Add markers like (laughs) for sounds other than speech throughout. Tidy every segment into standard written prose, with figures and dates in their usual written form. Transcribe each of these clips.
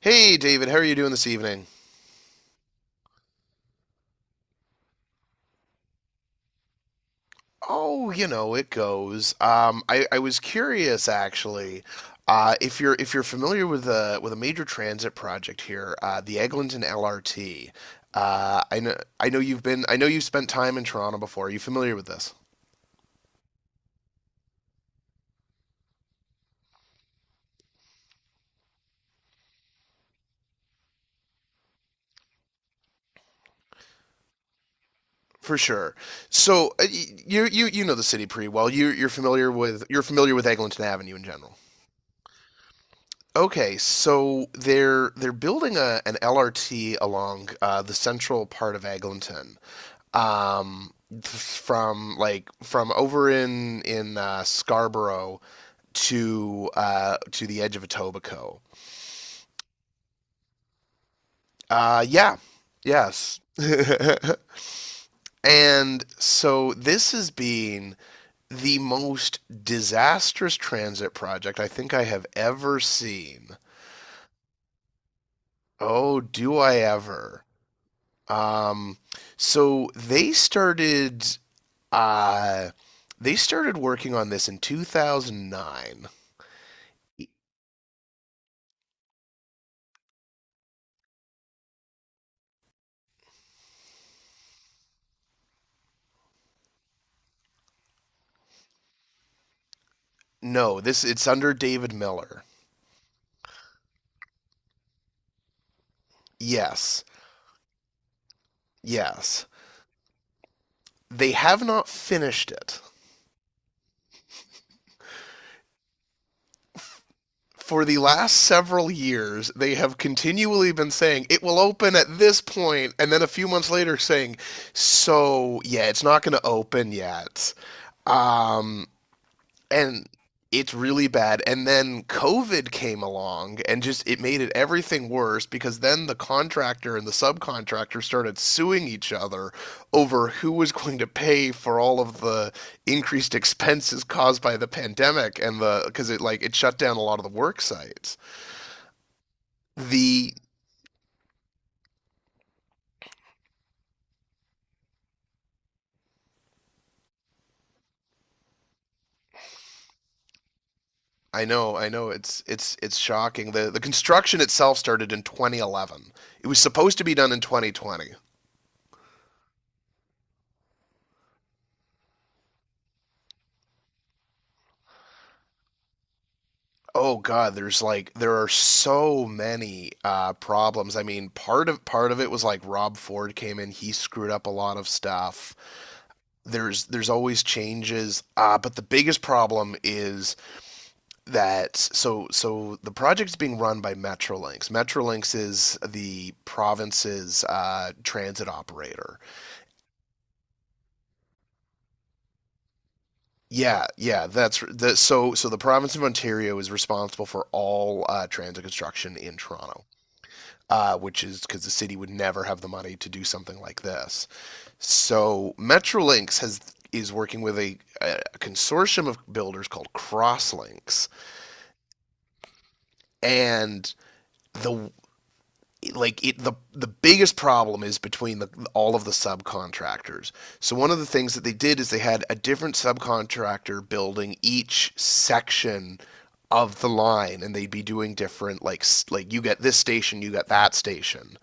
Hey, David, how are you doing this evening? Oh, you know, it goes. I was curious actually, if you're familiar with a major transit project here, the Eglinton LRT. I know you've been I know you've spent time in Toronto before. Are you familiar with this? For sure. So you know the city pretty well. You're familiar with Eglinton Avenue in general. Okay, so they're building a an LRT along the central part of Eglinton. um, from from over in Scarborough to the edge of Etobicoke. Yeah, yes. (laughs) and so this has been the most disastrous transit project I think I have ever seen. Oh, do I ever? Um, so they started uh, working on this in 2009. No, this it's under David Miller. Yes. Yes. They have not finished it. For the last several years, they have continually been saying it will open at this point, and then a few months later saying, "So yeah, it's not going to open yet." Um, and it's really bad. And then COVID came along and just it made it everything worse, because then the contractor and the subcontractor started suing each other over who was going to pay for all of the increased expenses caused by the pandemic, and the because it like it shut down a lot of the work sites. The I know it's it's shocking. The construction itself started in 2011. It was supposed to be done in 2020. Oh God, there are so many problems. I mean, part of it was like Rob Ford came in, he screwed up a lot of stuff. There's always changes, but the biggest problem is that the project's being run by Metrolinx. Metrolinx is the province's transit operator. Yeah, yeah, that's that. So the province of Ontario is responsible for all transit construction in Toronto. Which is because the city would never have the money to do something like this. So Metrolinx has is working with a consortium of builders called Crosslinks, and the like it the biggest problem is between all of the subcontractors. So one of the things that they did is they had a different subcontractor building each section of the line, and they'd be doing different like you get this station, you get that station.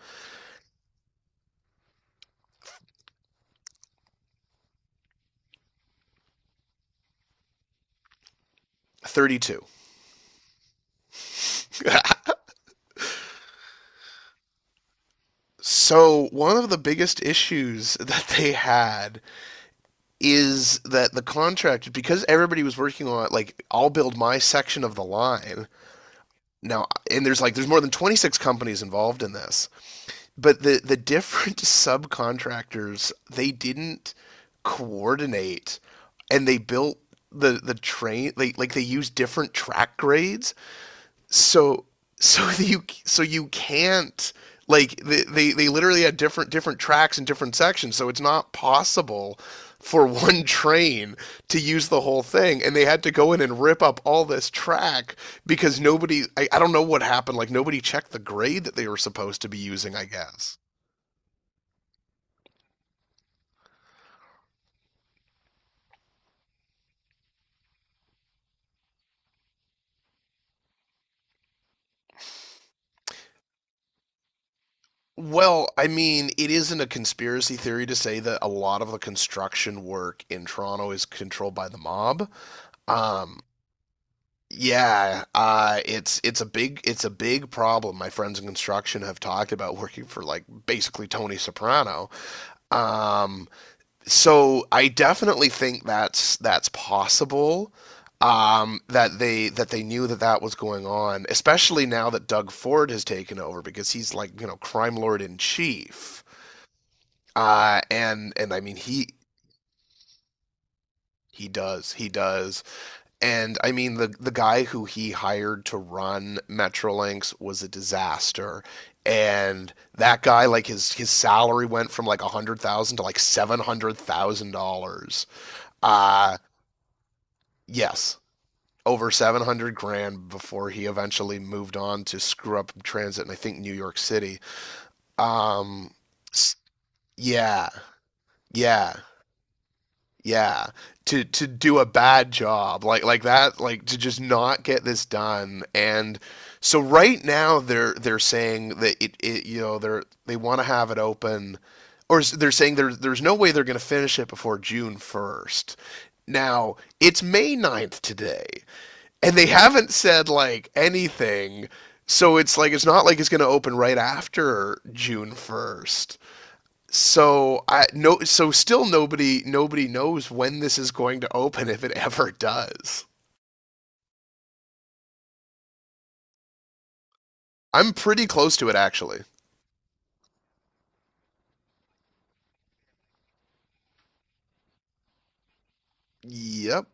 32. So, one of the biggest issues (laughs) that they had is that because everybody was working on it, like, I'll build my section of the line. Now, and there's more than 26 companies involved in this, but the different (laughs) subcontractors, they didn't coordinate, and they built the train. They, like, they used different track grades. So (laughs) you you can't they literally had different tracks and different sections, so it's not possible for (laughs) one train to use the whole thing, and they had to go in and rip up all this track because nobody I don't know what happened. Like, nobody checked the grade that they were supposed to be using, I guess. Well, I mean, it isn't a conspiracy theory to say that a lot of the construction work in Toronto is controlled by the mob. um Yeah, it's it's a big problem. My friends in construction have talked about working for like basically Tony Soprano. Um, so I definitely think that's possible. That they knew that that was going on, especially now that Doug Ford has taken over, because he's, like, you know, crime lord in chief. And I mean, he he does. And I mean, the guy who he hired to run Metrolinx was a disaster. And that guy, like, his salary went from like $100,000 to like $700,000. Uh yes, over 700 grand before he eventually moved on to screw up transit in, I think, New York City. Um, yeah, yeah. Yeah, to do a bad job like that, like to just not get this done. And so right now they're saying that it, you know, they want to have it open, they're saying there's no way they're going to finish it before June 1st. Now it's May 9th today, and they haven't said anything. So it's it's not like it's going to open right after June 1st, so I no, so still, nobody knows when this is going to open, if it ever does. I'm pretty close to it actually. Yep.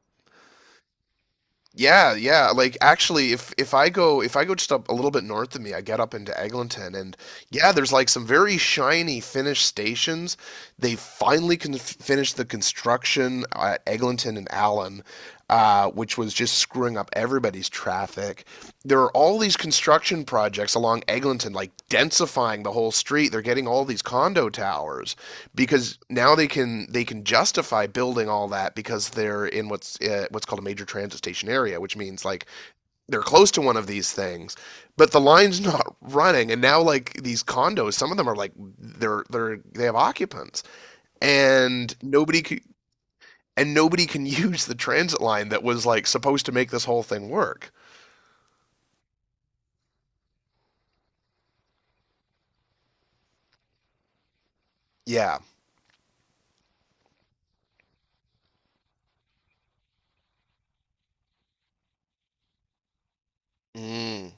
Yeah, yeah. Like actually, if if I go just up a little bit north of me, I get up into Eglinton, and yeah, there's like some very shiny finished stations. They finally con finished the construction at Eglinton and Allen, which was just screwing up everybody's traffic. There are all these construction projects along Eglinton, like densifying the whole street. They're getting all these condo towers because now they can justify building all that because they're in what's called a major transit station area, which means like they're close to one of these things, but the line's (laughs) not running. And now like these condos, some of them are they're they have occupants, and nobody can (laughs) use the transit line that was like supposed to make this whole thing work. Yeah. Mm.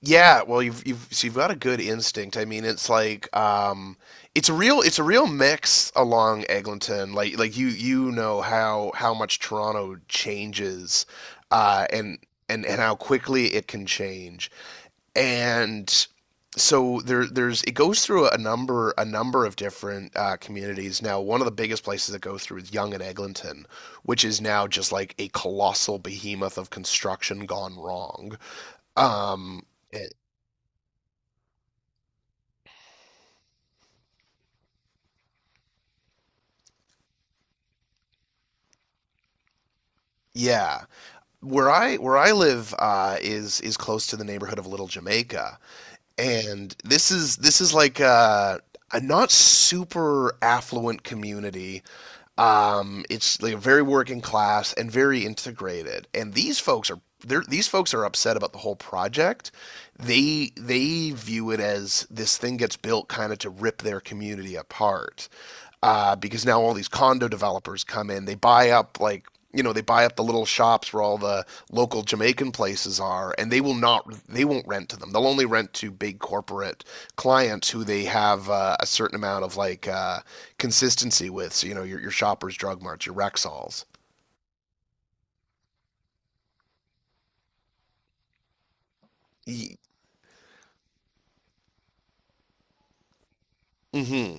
Yeah, well, you've got a good instinct. I mean, it's like it's a real mix along Eglinton. Like you you know how much Toronto changes, uh, and and how quickly it can change. And so there's, it goes through a number of different communities. Now, one of the biggest places it goes through is Young and Eglinton, which is now just like a colossal behemoth of construction gone wrong. Um, Yeah, where I live is close to the neighborhood of Little Jamaica, and this is like a not super affluent community. It's like very working class and very integrated. And these folks are upset about the whole project. They view it as this thing gets built kind of to rip their community apart. Because now all these condo developers come in, they buy up, like, you know, they buy up the little shops where all the local Jamaican places are, and they will not they won't rent to them. They'll only rent to big corporate clients who they have a certain amount of like consistency with. So, you know, your shoppers, drug marts, your Rexalls. Hmm.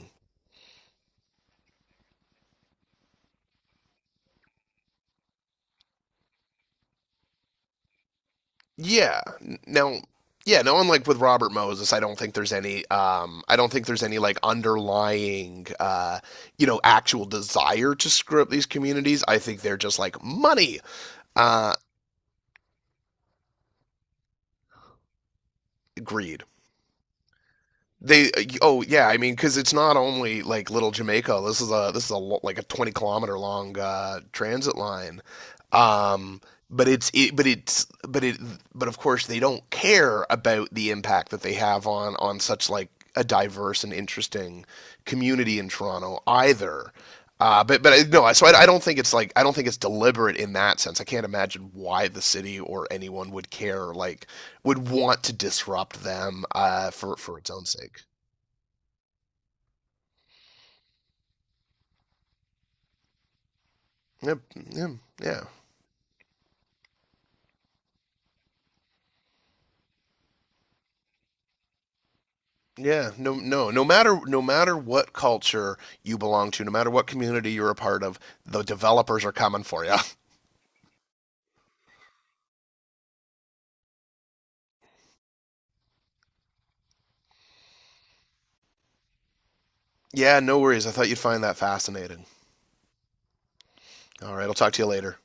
Yeah. Now, yeah, no, unlike with Robert Moses, I don't think there's any, I don't think there's any like underlying, you know, actual desire to screw up these communities. I think they're just like money, uh, greed. They Oh yeah, I mean, because it's not only like Little Jamaica. This is a like a 20-kilometer long transit line. Um, but it's but it but of course they don't care about the impact that they have on such like a diverse and interesting community in Toronto either. But I- no, I- so I don't think it's deliberate in that sense. I can't imagine why the city or anyone would care, would want to disrupt them, for its own sake. Yep. Yeah. Yeah. Yeah. No. No. No matter what culture you belong to, no matter what community you're a part of, the developers are coming for you. (laughs) yeah. No worries. I thought you'd find that fascinating. All right. I'll talk to you later.